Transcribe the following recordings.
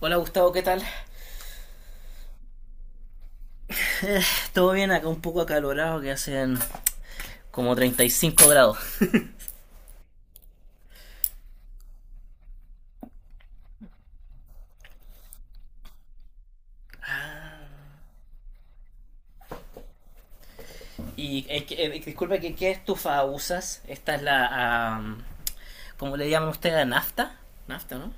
Hola Gustavo, ¿qué tal? Todo bien, acá un poco acalorado que hacen como 35 grados. Y disculpe, ¿qué estufa usas? Esta es la. ¿Cómo le llaman ustedes? ¿Nafta? ¿Nafta, no?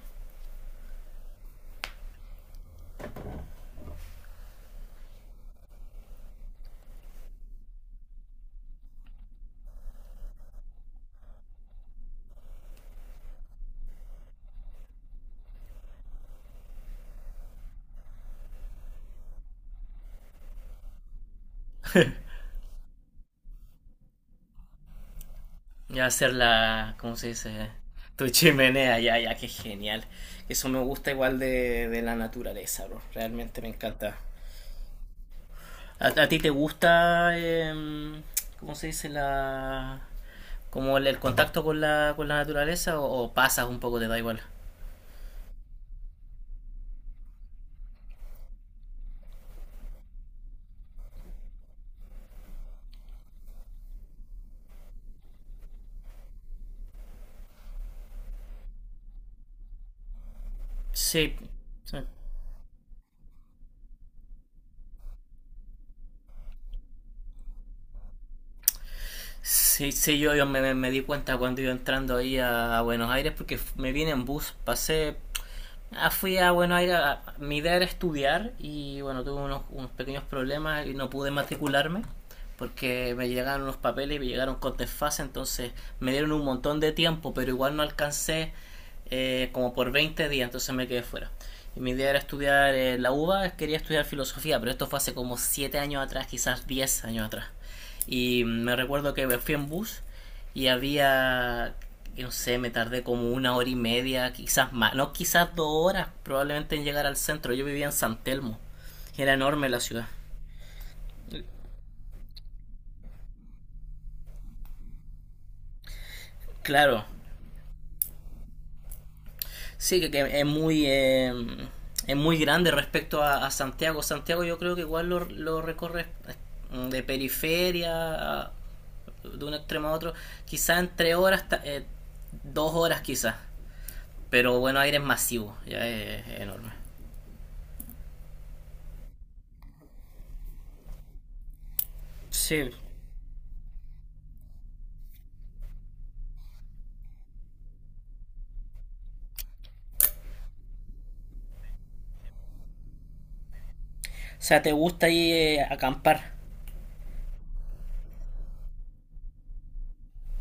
Ya hacer la, ¿cómo se dice? Tu chimenea, ya, ya, qué genial. Eso me gusta igual de la naturaleza, bro. Realmente me encanta. ¿A ti te gusta... ¿cómo se dice la, como el contacto con la naturaleza o pasas un poco, te da igual? Sí. Sí. Sí, sí, yo me di cuenta cuando iba entrando ahí a Buenos Aires porque me vine en bus, pasé. Fui a Buenos Aires, mi idea era estudiar y bueno, tuve unos pequeños problemas y no pude matricularme porque me llegaron unos papeles y me llegaron con desfase, entonces me dieron un montón de tiempo, pero igual no alcancé como por 20 días, entonces me quedé fuera. Y mi idea era estudiar la UBA, quería estudiar filosofía, pero esto fue hace como 7 años atrás, quizás 10 años atrás. Y me recuerdo que me fui en bus y había, no sé, me tardé como 1 hora y media, quizás más, no, quizás 2 horas probablemente en llegar al centro. Yo vivía en San Telmo, era enorme la ciudad. Claro, sí, que es muy grande respecto a Santiago. Santiago yo creo que igual lo recorre de periferia, de un extremo a otro, quizás en 3 horas, 2 horas quizás. Pero Buenos Aires es masivo, ya es enorme. Sí. O sea, ¿te gusta ir acampar?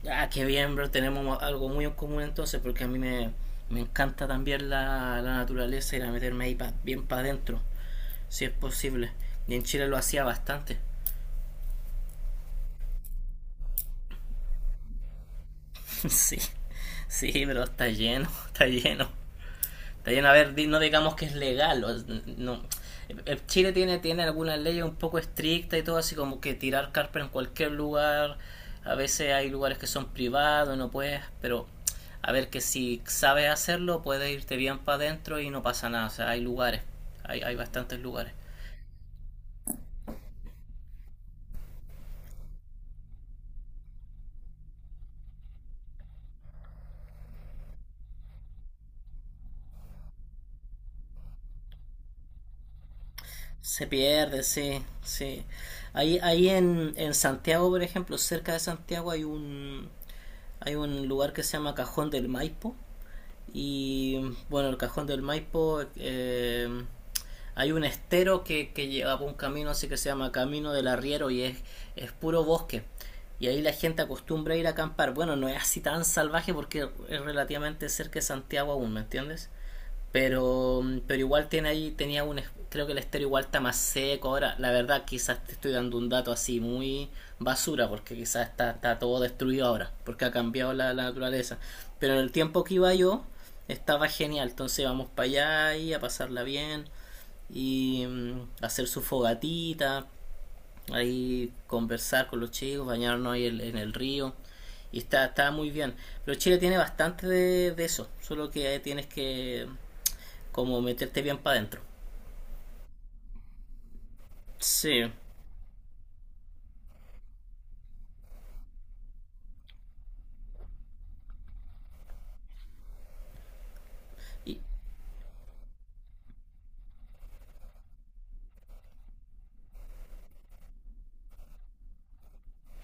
Ah, qué bien, bro. Tenemos algo muy en común entonces, porque a mí me encanta también la naturaleza y la meterme ahí bien para adentro, si es posible. Y en Chile lo hacía bastante. Sí, sí, pero está lleno, está lleno. También, a ver, no digamos que es legal. No. Chile tiene algunas leyes un poco estrictas y todo, así como que tirar carpa en cualquier lugar. A veces hay lugares que son privados, no puedes, pero a ver que si sabes hacerlo, puedes irte bien para adentro y no pasa nada. O sea, hay lugares, hay bastantes lugares. Se pierde, sí, sí. Ahí en, Santiago, por ejemplo, cerca de Santiago hay un lugar que se llama Cajón del Maipo. Y bueno, el Cajón del Maipo, hay un estero que lleva por un camino así que se llama Camino del Arriero y es puro bosque. Y ahí la gente acostumbra ir a acampar. Bueno, no es así tan salvaje porque es relativamente cerca de Santiago aún, ¿me entiendes? Pero igual tiene ahí, tenía un, creo que el estéreo igual está más seco. Ahora, la verdad, quizás te estoy dando un dato así muy basura, porque quizás está, todo destruido ahora, porque ha cambiado la naturaleza. Pero en el tiempo que iba yo, estaba genial. Entonces vamos para allá y a pasarla bien y hacer su fogatita, ahí conversar con los chicos, bañarnos ahí en el río. Y está, muy bien. Pero Chile tiene bastante de eso, solo que tienes que como meterte bien para adentro. Sí. Y,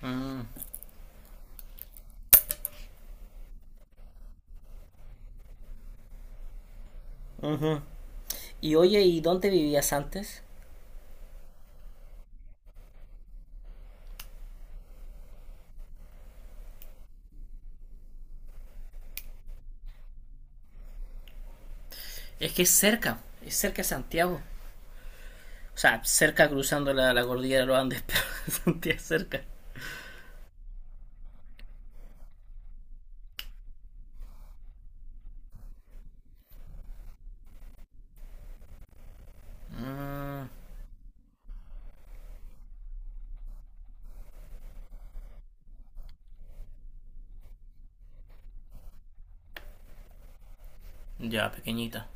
mm. Ujú. Y oye, ¿y dónde vivías antes? Es que es cerca de Santiago. O sea, cerca cruzando la cordillera de los Andes, pero Santiago es cerca. Mm, ya, pequeñita.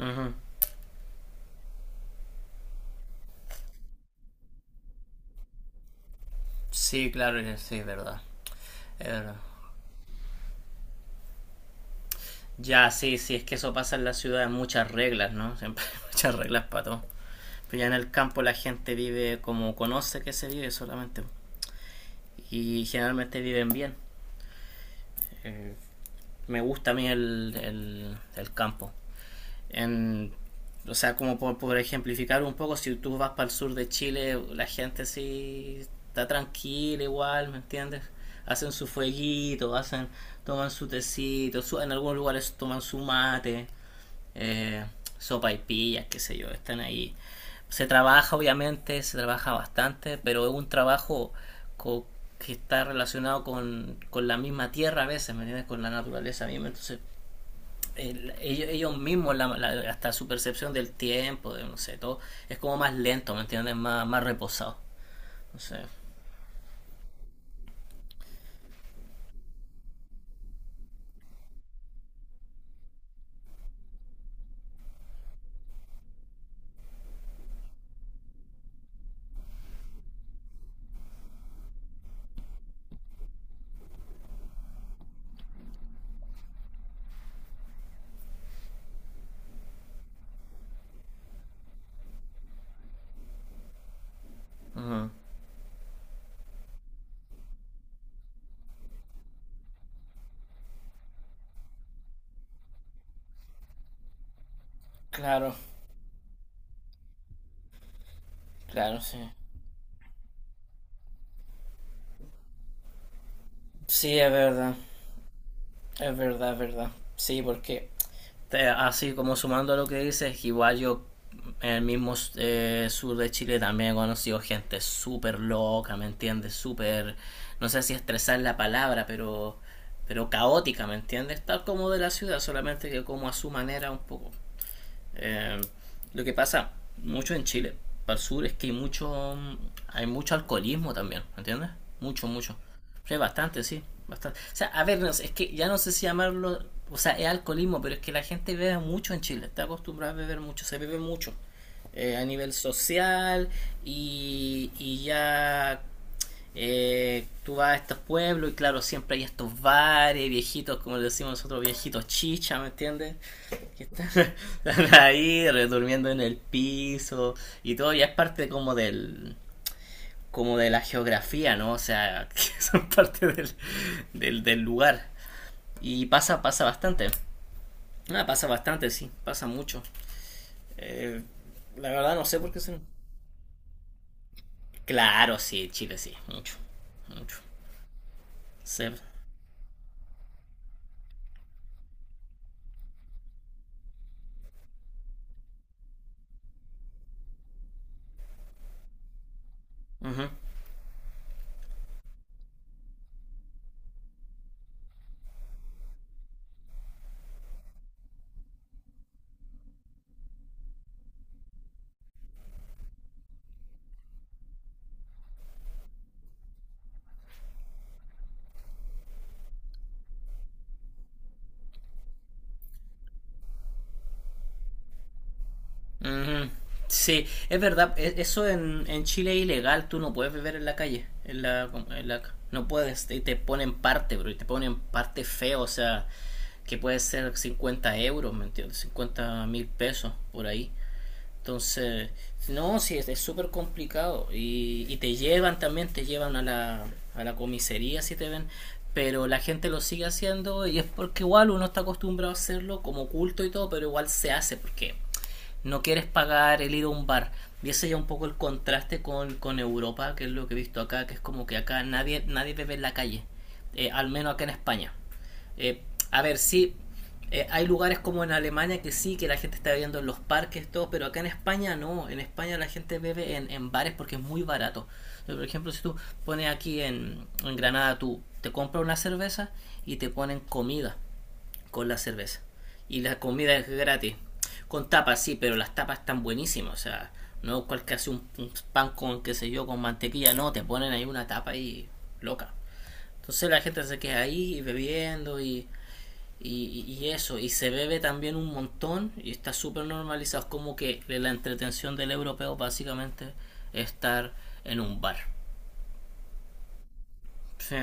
Ujú. Sí, claro, sí, es verdad. Es verdad. Ya, sí, sí, es que eso pasa en la ciudad, hay muchas reglas, ¿no? Siempre hay muchas reglas para todo. Pero ya en el campo la gente vive como conoce que se vive solamente. Y generalmente viven bien. Eh, me gusta a mí el, el campo. En, o sea, como por, ejemplificar un poco, si tú vas para el sur de Chile, la gente sí está tranquila igual, ¿me entiendes? Hacen su fueguito, hacen, toman su tecito, en algunos lugares toman su mate, eh, sopa y pillas, qué sé yo, están ahí. Se trabaja, obviamente, se trabaja bastante, pero es un trabajo co- que está relacionado con la misma tierra a veces, ¿me entiendes? Con la naturaleza misma, entonces ellos, ellos mismos, hasta su percepción del tiempo, de no sé, todo, es como más lento, ¿me entiendes? Más, más reposado. No sé. Ujú. Claro, claro, sí. Sí, es verdad. Es verdad, es verdad. Sí, porque así como sumando a lo que dices, igual yo en el mismo sur de Chile también he conocido gente súper loca, ¿me entiendes? Súper, no sé si estresar la palabra, pero, caótica, ¿me entiendes? Tal como de la ciudad, solamente que como a su manera un poco. Eh, lo que pasa mucho en Chile, para el sur, es que hay mucho alcoholismo también, ¿entiendes? Mucho, mucho. Sí, bastante, sí, bastante. O sea, a ver, no sé, es que ya no sé si llamarlo, o sea, es alcoholismo, pero es que la gente bebe mucho en Chile, está acostumbrada a beber mucho, se bebe mucho. A nivel social y ya, tú vas a estos pueblos y claro, siempre hay estos bares viejitos, como le decimos nosotros, viejitos chicha, ¿me entiendes? Que están, están ahí durmiendo en el piso y todo, ya es parte como del como de la geografía, ¿no? O sea, que son parte del, lugar. Y pasa, pasa bastante. Ah, pasa bastante, sí, pasa mucho. Eh, la verdad no sé por qué se. Claro, sí, Chile sí, mucho, mucho. Se. Ujú. Ujú. Sí, es verdad, eso en Chile es ilegal, tú no puedes beber en la calle, en la, no puedes, y te ponen parte, bro, y te ponen parte feo, o sea, que puede ser 50 euros, ¿me entiendes? 50 mil pesos por ahí. Entonces, no, sí, es súper complicado y, te llevan también, te llevan a la comisaría si te ven, pero la gente lo sigue haciendo y es porque igual uno está acostumbrado a hacerlo como culto y todo, pero igual se hace porque no quieres pagar el ir a un bar. Y ese ya un poco el contraste con Europa, que es lo que he visto acá, que es como que acá nadie, nadie bebe en la calle, al menos acá en España. Eh, a ver, sí, hay lugares como en Alemania que sí, que la gente está bebiendo en los parques, todo, pero acá en España no, en España la gente bebe en, bares porque es muy barato. Por ejemplo, si tú pones aquí en Granada, tú te compras una cerveza y te ponen comida con la cerveza. Y la comida es gratis. Con tapas, sí, pero las tapas están buenísimas. O sea, no cualquier hace un, pan con, qué sé yo, con mantequilla. No, te ponen ahí una tapa ahí loca. Entonces la gente se queda ahí bebiendo y eso. Y se bebe también un montón y está súper normalizado. Es como que la entretención del europeo básicamente es estar en un bar. Sí.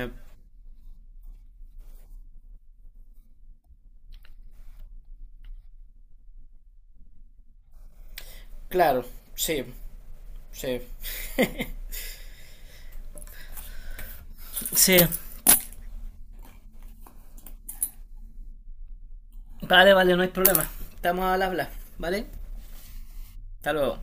Claro, sí, sí. Sí. Vale, vale, no hay problema. Estamos al habla, ¿vale? Hasta luego.